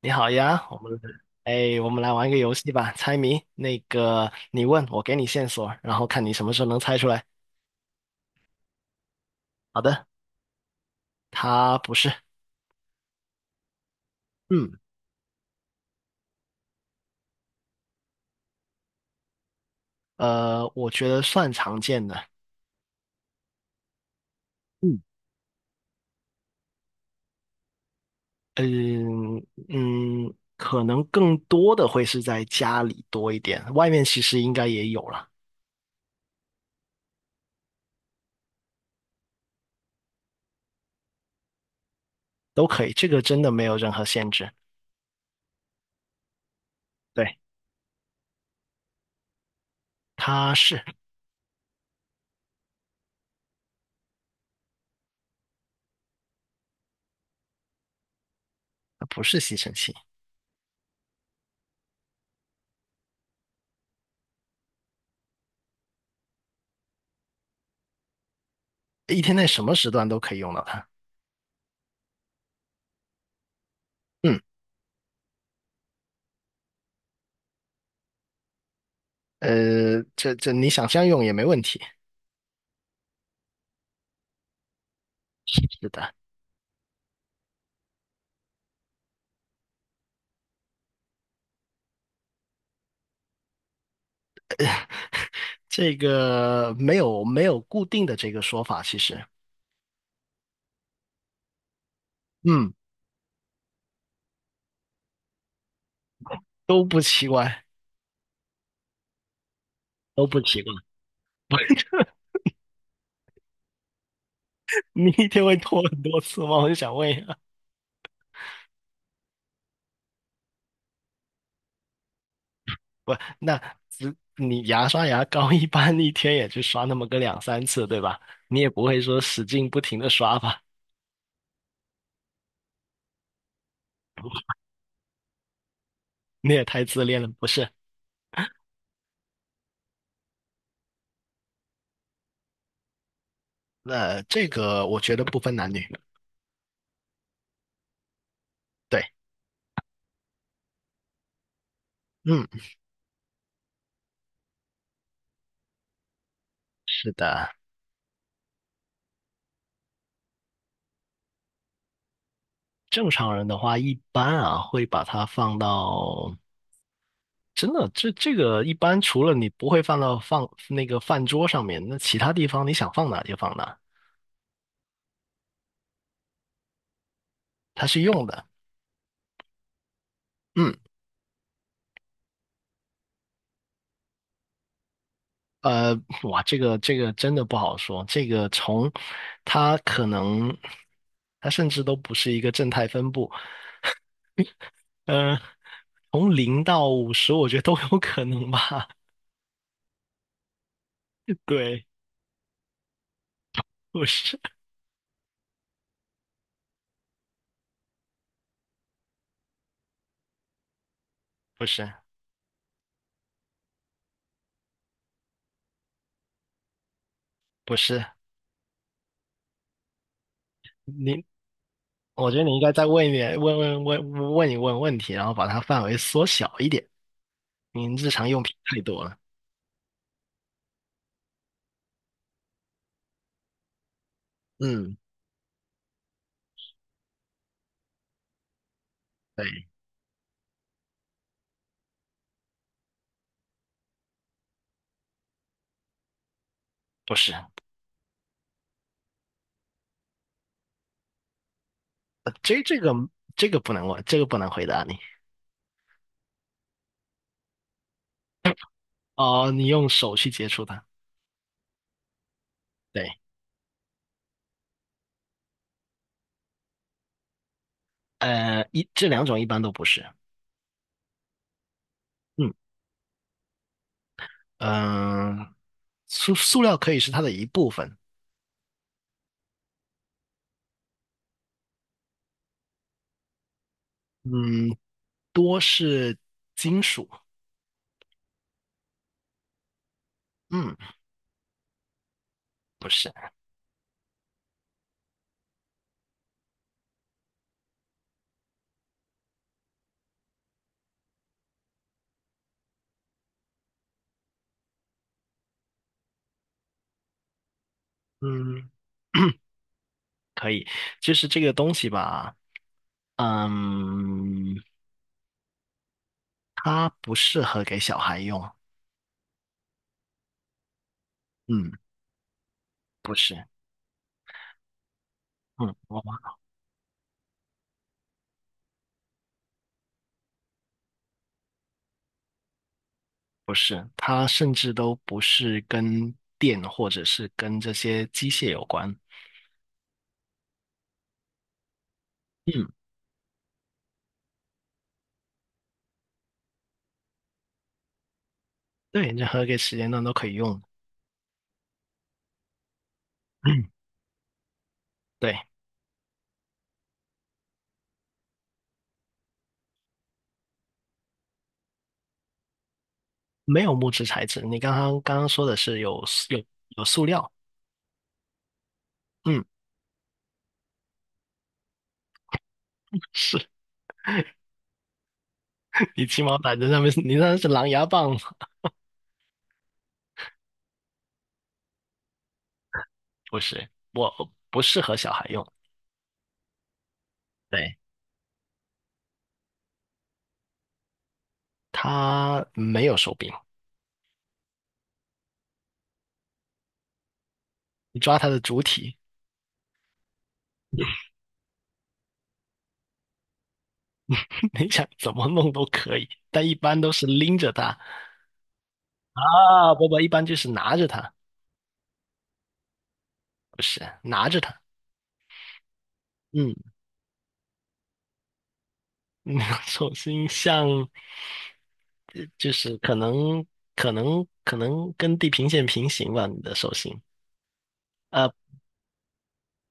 你好呀，我们来玩一个游戏吧，猜谜。那个，你问我，给你线索，然后看你什么时候能猜出来。好的。它不是。嗯，我觉得算常见的。嗯嗯，可能更多的会是在家里多一点，外面其实应该也有了。都可以，这个真的没有任何限制。对。它是。它不是吸尘器。一天内什么时段都可以用到它。嗯，这你想象用也没问题。是的。这个没有固定的这个说法，其实。嗯。都不奇怪。都不奇怪。你一天会脱很多次吗？我就想问一下。不，那只你牙刷牙膏一般一天也就刷那么个两三次，对吧？你也不会说使劲不停的刷吧？你也太自恋了，不是？那这个我觉得不分男女。对。嗯。是的。正常人的话一般啊会把它放到。真的，这个一般除了你不会放到放那个饭桌上面，那其他地方你想放哪就放哪。它是用的。嗯，呃，哇，这个真的不好说。这个从它可能它甚至都不是一个正态分布。嗯呃，从零到五十，我觉得都有可能吧。对。不是不是不是，你我觉得你应该再问一点，问一问问题，然后把它范围缩小一点。您日常用品太多了。嗯。对。不是，呃这个这个不能问，这个不能回答你。哦，你用手去接触它。对。一这两种一般都不是。嗯，嗯、塑料可以是它的一部分。嗯。多是金属。嗯。不是。嗯。可以。就是这个东西吧。嗯。它不适合给小孩用。嗯。不是。嗯，我不是，它甚至都不是跟电或者是跟这些机械有关。嗯，对，任何一个时间段都可以用。嗯。对。没有木质材质。你刚刚说的是有塑料。嗯。是 你鸡毛掸子上面是你那是狼牙棒。不是，我不适合小孩用。对，它没有手柄。你抓它的主体。你想怎么弄都可以，但一般都是拎着它。啊，不不，一般就是拿着它。不是拿着它。嗯。手种星像就是可能可能可能跟地平线平行吧，你的手心。呃，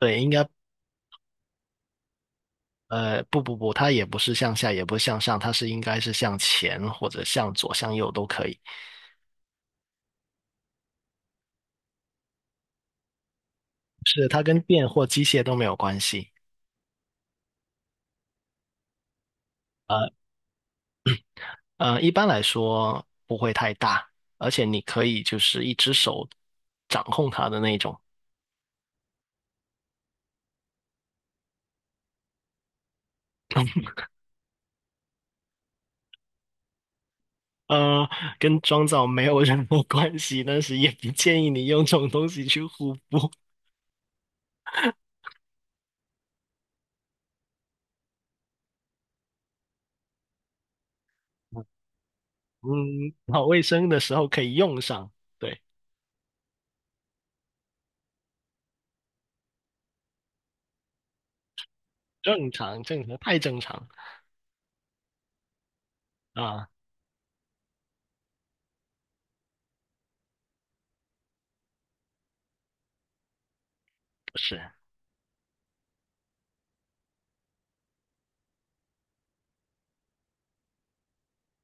对。应该呃不不不，它也不是向下，也不是向上，它是应该是向前或者向左、向右都可以。是它跟电或机械都没有关系。呃一般来说不会太大，而且你可以就是一只手掌控它的那种。呃，跟妆造没有任何关系，但是也不建议你用这种东西去护肤。嗯，搞卫生的时候可以用上。对。正常，正常，太正常。啊，不是。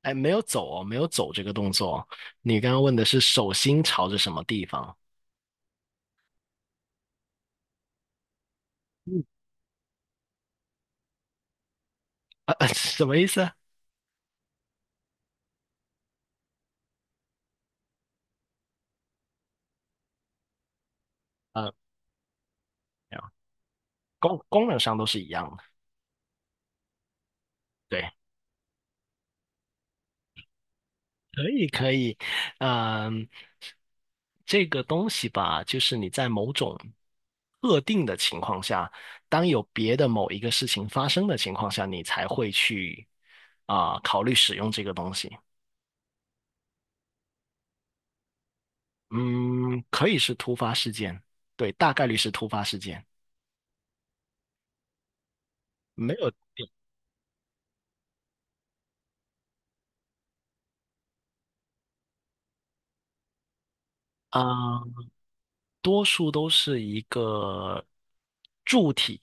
哎，没有走哦，没有走这个动作哦。你刚刚问的是手心朝着什么地方？嗯。啊，啊什么意思啊？呃，没有，功能上都是一样的。对。可以，可以。嗯。这个东西吧，就是你在某种特定的情况下，当有别的某一个事情发生的情况下，你才会去考虑使用这个东西。嗯，可以是突发事件。对，大概率是突发事件。没有。啊、多数都是一个柱体，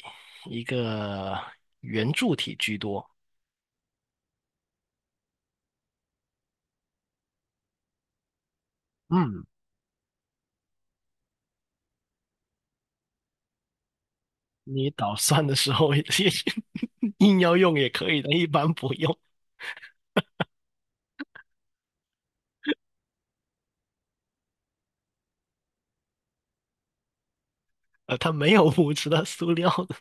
一个圆柱体居多。嗯。你捣蒜的时候也 硬要用也可以的，一般不用。它没有物质的塑料的。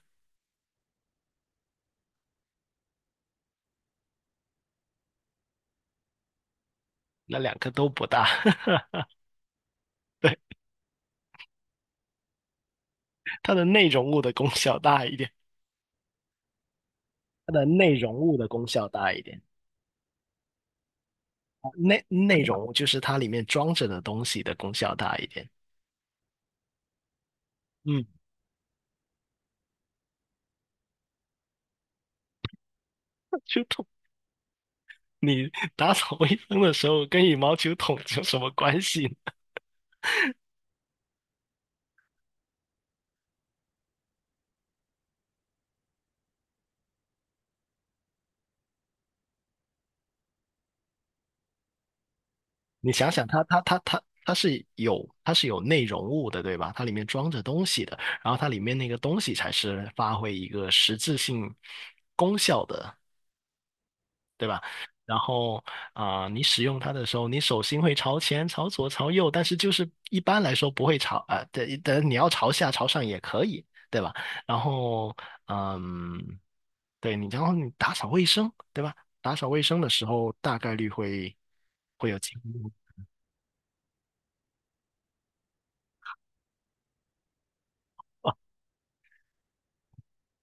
那两个都不大。对。它的内容物的功效大一点。它的内容物的功效大一点。内容物就是它里面装着的东西的功效大一点。嗯。就桶，你打扫卫生的时候跟羽毛球桶有什么关系呢？你想想它，它是有内容物的，对吧？它里面装着东西的。然后它里面那个东西才是发挥一个实质性功效的，对吧？然后你使用它的时候，你手心会朝前、朝左、朝右，但是就是一般来说不会朝。对，但你要朝下、朝上也可以，对吧？然后嗯，对你。然后你打扫卫生，对吧？打扫卫生的时候，大概率会有进步。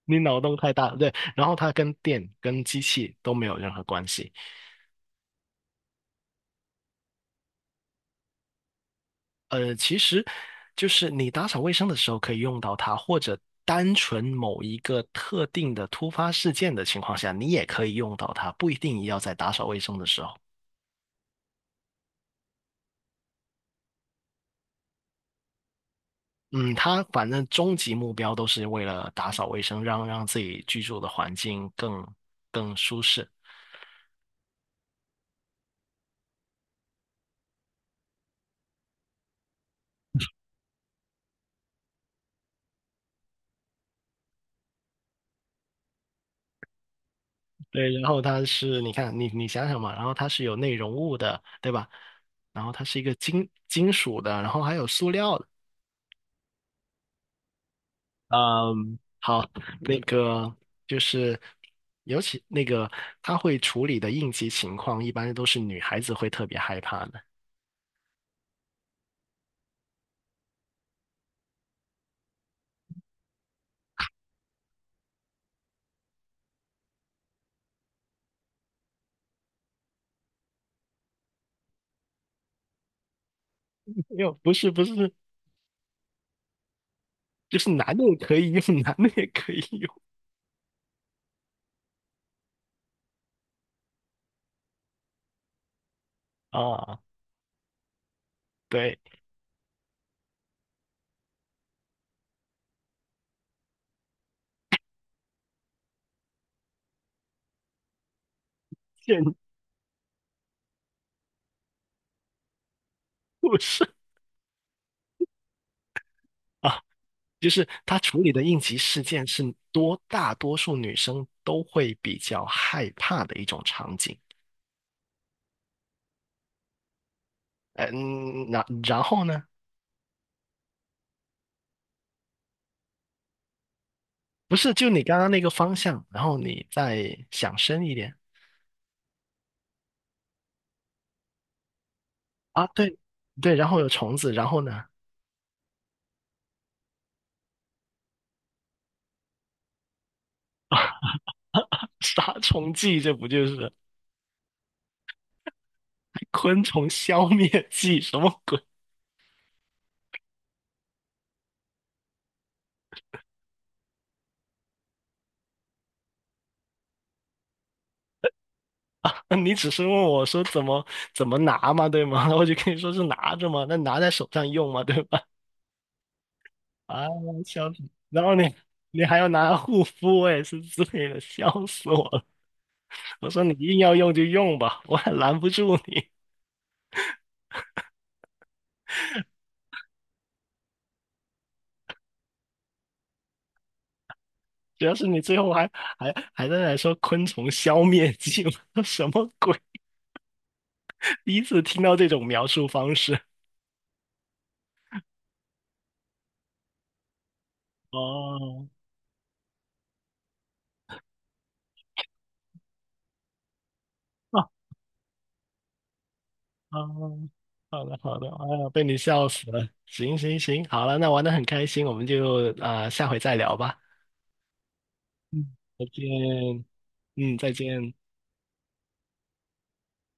你脑洞太大了。对。然后它跟电、跟机器都没有任何关系。其实就是你打扫卫生的时候可以用到它，或者单纯某一个特定的突发事件的情况下，你也可以用到它，不一定要在打扫卫生的时候。嗯，它反正终极目标都是为了打扫卫生，让自己居住的环境更舒适。对，然后它是，你看，你想想嘛，然后它是有内容物的，对吧？然后它是一个金属的，然后还有塑料的。嗯，好。那个就是，尤其那个它会处理的应急情况，一般都是女孩子会特别害怕的。没有，不是，就是男的也可以用。男的也可以用啊。对。建筑师。就是她处理的应急事件是大多数女生都会比较害怕的一种场景。然后呢？不是，就你刚刚那个方向，然后你再想深一点。啊，对对，然后有虫子，然后呢？杀虫剂，这不就是昆虫消灭剂？什么鬼？你只是问我说怎么拿嘛，对吗？我就跟你说是拿着嘛，那拿在手上用嘛，对吧？啊，笑死！然后你你还要拿护肤，我也是醉了，笑死我了。我说你硬要用就用吧，我也拦不住你。主要是你最后还在那说昆虫消灭剂，我说什么鬼？第一次听到这种描述方式。哦。啊啊，好的，好的。哎呀，被你笑死了。行行行，好了，那玩的很开心，我们就下回再聊吧。嗯，再见。嗯，再见。